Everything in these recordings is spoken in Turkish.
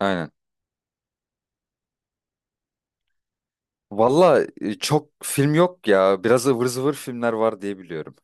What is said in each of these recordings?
Aynen. Valla çok film yok ya. Biraz ıvır zıvır filmler var diye biliyorum.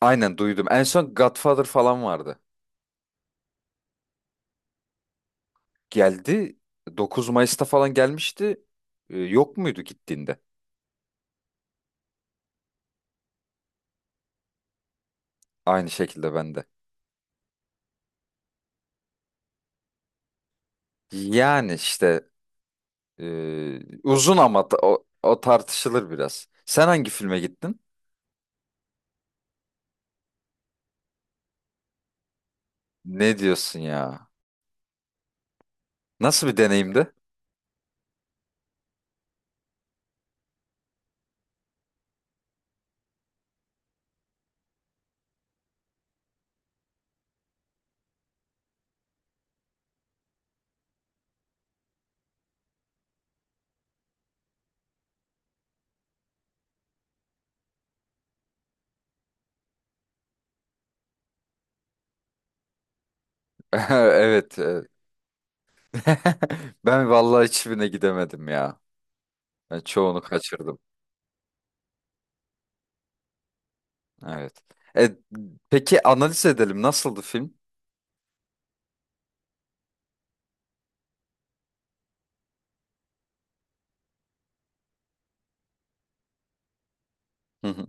Aynen duydum. En son Godfather falan vardı. Geldi. 9 Mayıs'ta falan gelmişti. Yok muydu gittiğinde? Aynı şekilde bende. Yani işte uzun ama o tartışılır biraz. Sen hangi filme gittin? Ne diyorsun ya? Nasıl bir deneyimdi? Evet, evet. Ben vallahi hiçbirine gidemedim ya. Ben çoğunu kaçırdım. Evet. E, peki analiz edelim. Nasıldı film? Hı hı.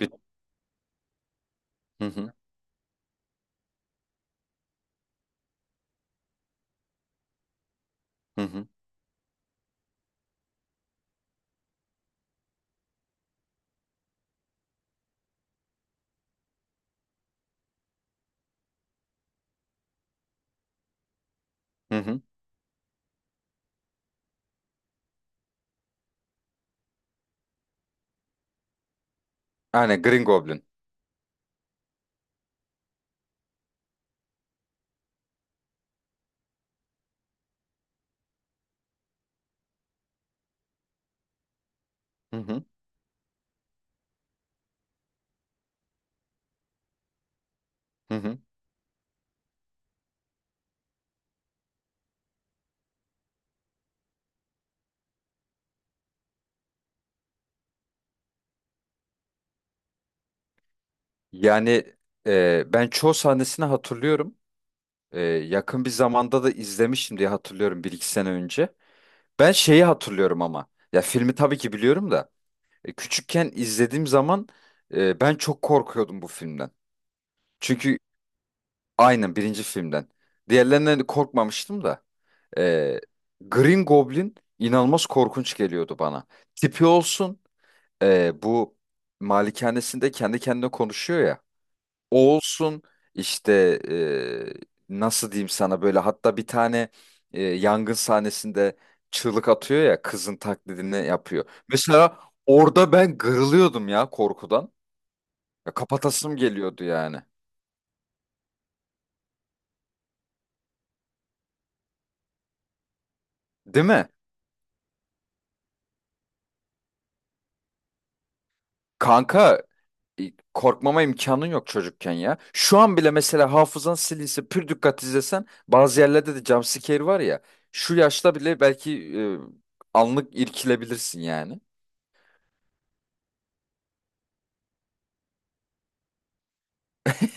Bir- Hı hı. Hı hı. Hı hı. Aynen Green Goblin. Hı hı. Hı hı. Yani ben çoğu sahnesini hatırlıyorum. Yakın bir zamanda da izlemiştim diye hatırlıyorum bir iki sene önce. Ben şeyi hatırlıyorum ama. Ya filmi tabii ki biliyorum da. Küçükken izlediğim zaman ben çok korkuyordum bu filmden. Çünkü aynen birinci filmden. Diğerlerinden korkmamıştım da. Ee, Green Goblin inanılmaz korkunç geliyordu bana. Tipi olsun, bu malikanesinde kendi kendine konuşuyor ya. O olsun işte, nasıl diyeyim sana böyle, hatta bir tane yangın sahnesinde çığlık atıyor ya, kızın taklidini yapıyor. Mesela orada ben kırılıyordum ya korkudan. Ya kapatasım geliyordu yani. Değil mi? Kanka, e, korkmama imkanın yok çocukken ya. Şu an bile mesela hafızan silinse, pür dikkat izlesen bazı yerlerde de jumpscare var ya. Şu yaşta bile belki anlık irkilebilirsin yani.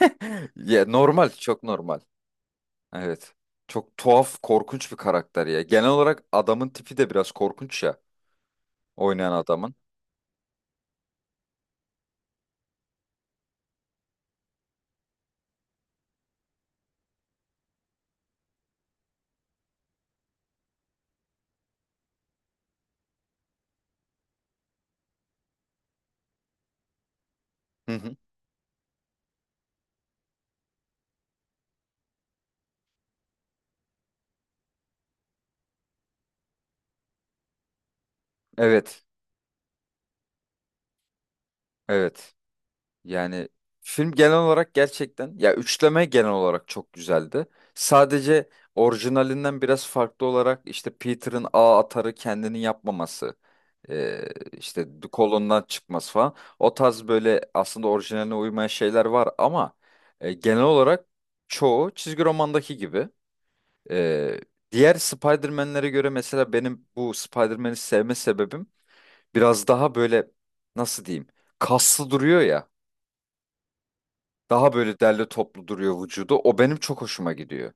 Ya normal, çok normal. Evet. Çok tuhaf, korkunç bir karakter ya. Genel olarak adamın tipi de biraz korkunç ya. Oynayan adamın. Hı hı. Evet. Evet. Yani film genel olarak gerçekten, ya üçleme genel olarak çok güzeldi. Sadece orijinalinden biraz farklı olarak işte Peter'ın ağ atarı kendini yapmaması, e, işte kolondan çıkması falan. O tarz böyle aslında orijinaline uymayan şeyler var ama genel olarak çoğu çizgi romandaki gibi. E, diğer Spider-Man'lere göre mesela benim bu Spider-Man'i sevme sebebim biraz daha böyle, nasıl diyeyim, kaslı duruyor ya. Daha böyle derli toplu duruyor vücudu. O benim çok hoşuma gidiyor.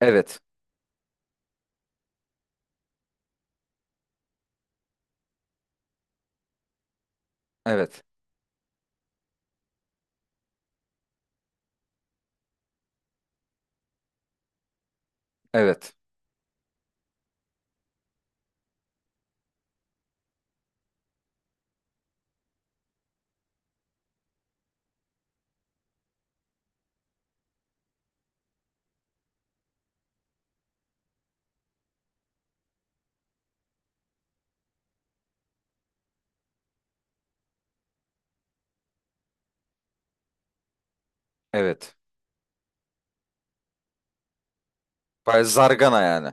Evet. Evet. Evet. Evet. Baya zargana yani.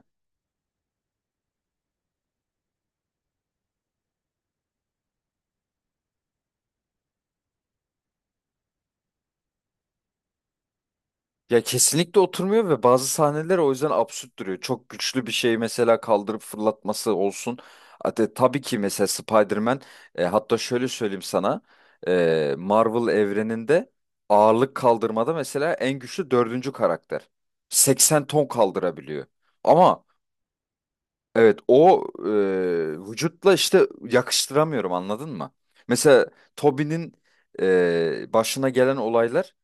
Ya kesinlikle oturmuyor ve bazı sahneler o yüzden absürt duruyor. Çok güçlü bir şeyi mesela kaldırıp fırlatması olsun. Hatta tabii ki mesela Spider-Man, hatta şöyle söyleyeyim sana. Marvel evreninde ağırlık kaldırmada mesela en güçlü dördüncü karakter. 80 ton kaldırabiliyor. Ama evet, o vücutla işte yakıştıramıyorum, anladın mı? Mesela Toby'nin başına gelen olaylar,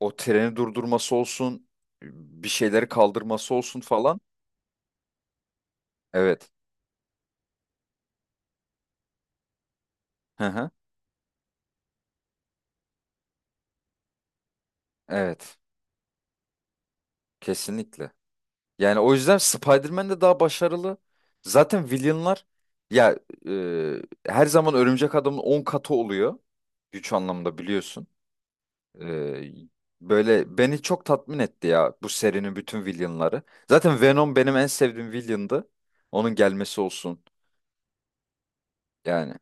o treni durdurması olsun, bir şeyleri kaldırması olsun falan. Evet. Hı hı. Evet. Kesinlikle. Yani o yüzden Spider-Man de daha başarılı. Zaten villainlar ya, her zaman Örümcek Adam'ın 10 katı oluyor. Güç anlamında biliyorsun. Ee, böyle beni çok tatmin etti ya bu serinin bütün villainları. Zaten Venom benim en sevdiğim villain'dı. Onun gelmesi olsun. Yani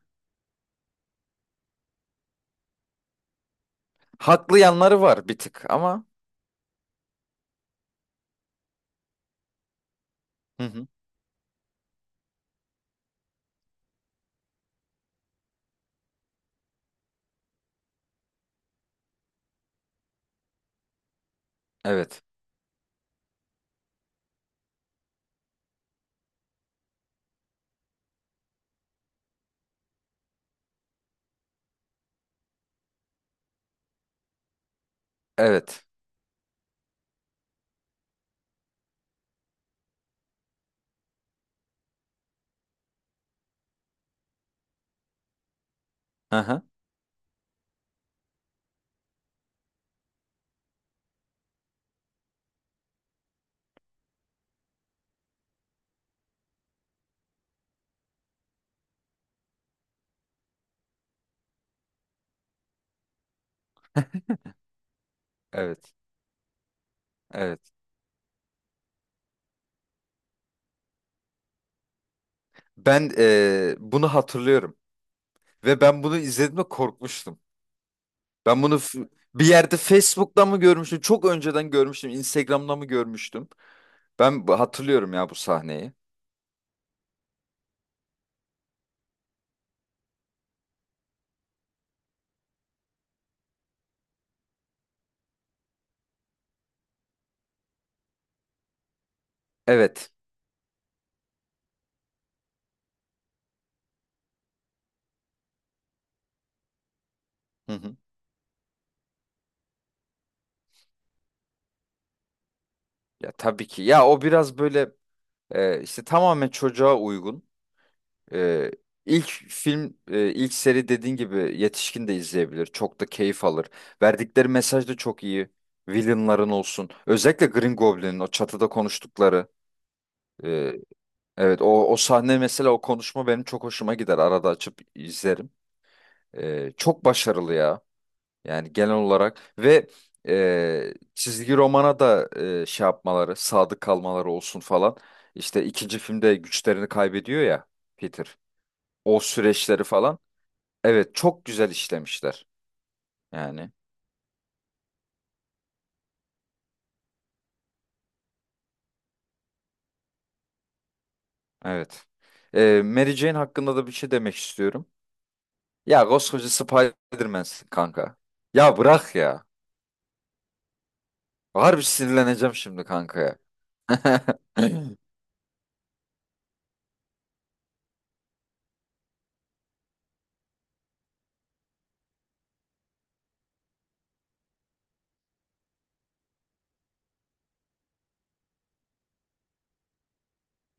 haklı yanları var bir tık ama. Hı hı. Evet. Evet. Hı hı. Evet. Evet. Ben bunu hatırlıyorum ve ben bunu izlediğimde korkmuştum. Ben bunu bir yerde Facebook'ta mı görmüştüm? Çok önceden görmüştüm. Instagram'da mı görmüştüm? Ben hatırlıyorum ya bu sahneyi. Evet. Hı hı. Ya tabii ki. Ya o biraz böyle. İşte tamamen çocuğa uygun. Ee, ilk film, ilk seri dediğin gibi yetişkin de izleyebilir. Çok da keyif alır. Verdikleri mesaj da çok iyi. Villainların olsun. Özellikle Green Goblin'in o çatıda konuştukları. e, evet, o sahne mesela, o konuşma benim çok hoşuma gider. Arada açıp izlerim. Çok başarılı ya. Yani genel olarak ve çizgi romana da şey yapmaları, sadık kalmaları olsun falan. İşte ikinci filmde güçlerini kaybediyor ya, Peter. O süreçleri falan. Evet, çok güzel işlemişler. Yani evet. Mary Jane hakkında da bir şey demek istiyorum. Ya koskoca Spider-Man'sin kanka. Ya bırak ya. Harbi sinirleneceğim şimdi kanka ya.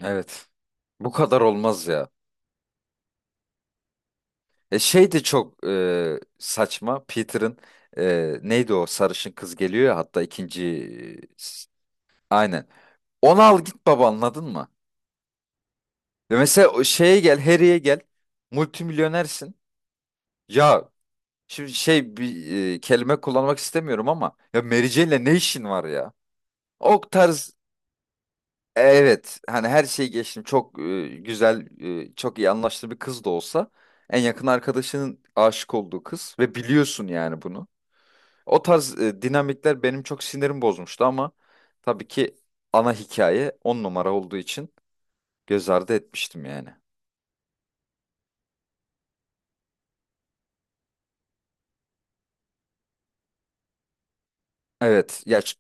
Evet. Bu kadar olmaz ya. Şey de çok saçma. Peter'ın, neydi o sarışın kız geliyor ya, hatta ikinci, e, s- aynen. Onu al git baba, anladın mı? Ve mesela o şeye gel, Harry'e gel. Multimilyonersin. Ya şimdi şey, bir kelime kullanmak istemiyorum ama ya Mary Jane'le ne işin var ya? O tarz, evet hani, her şeyi geçtim, çok güzel, çok iyi anlaştığı bir kız da olsa, en yakın arkadaşının aşık olduğu kız ve biliyorsun yani bunu. O tarz dinamikler benim çok sinirim bozmuştu ama tabii ki ana hikaye 10 numara olduğu için göz ardı etmiştim yani. Evet, ya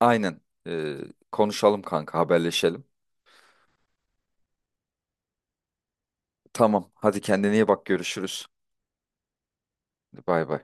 aynen. E, konuşalım kanka, haberleşelim. Tamam, hadi kendine iyi bak, görüşürüz. Bay bay.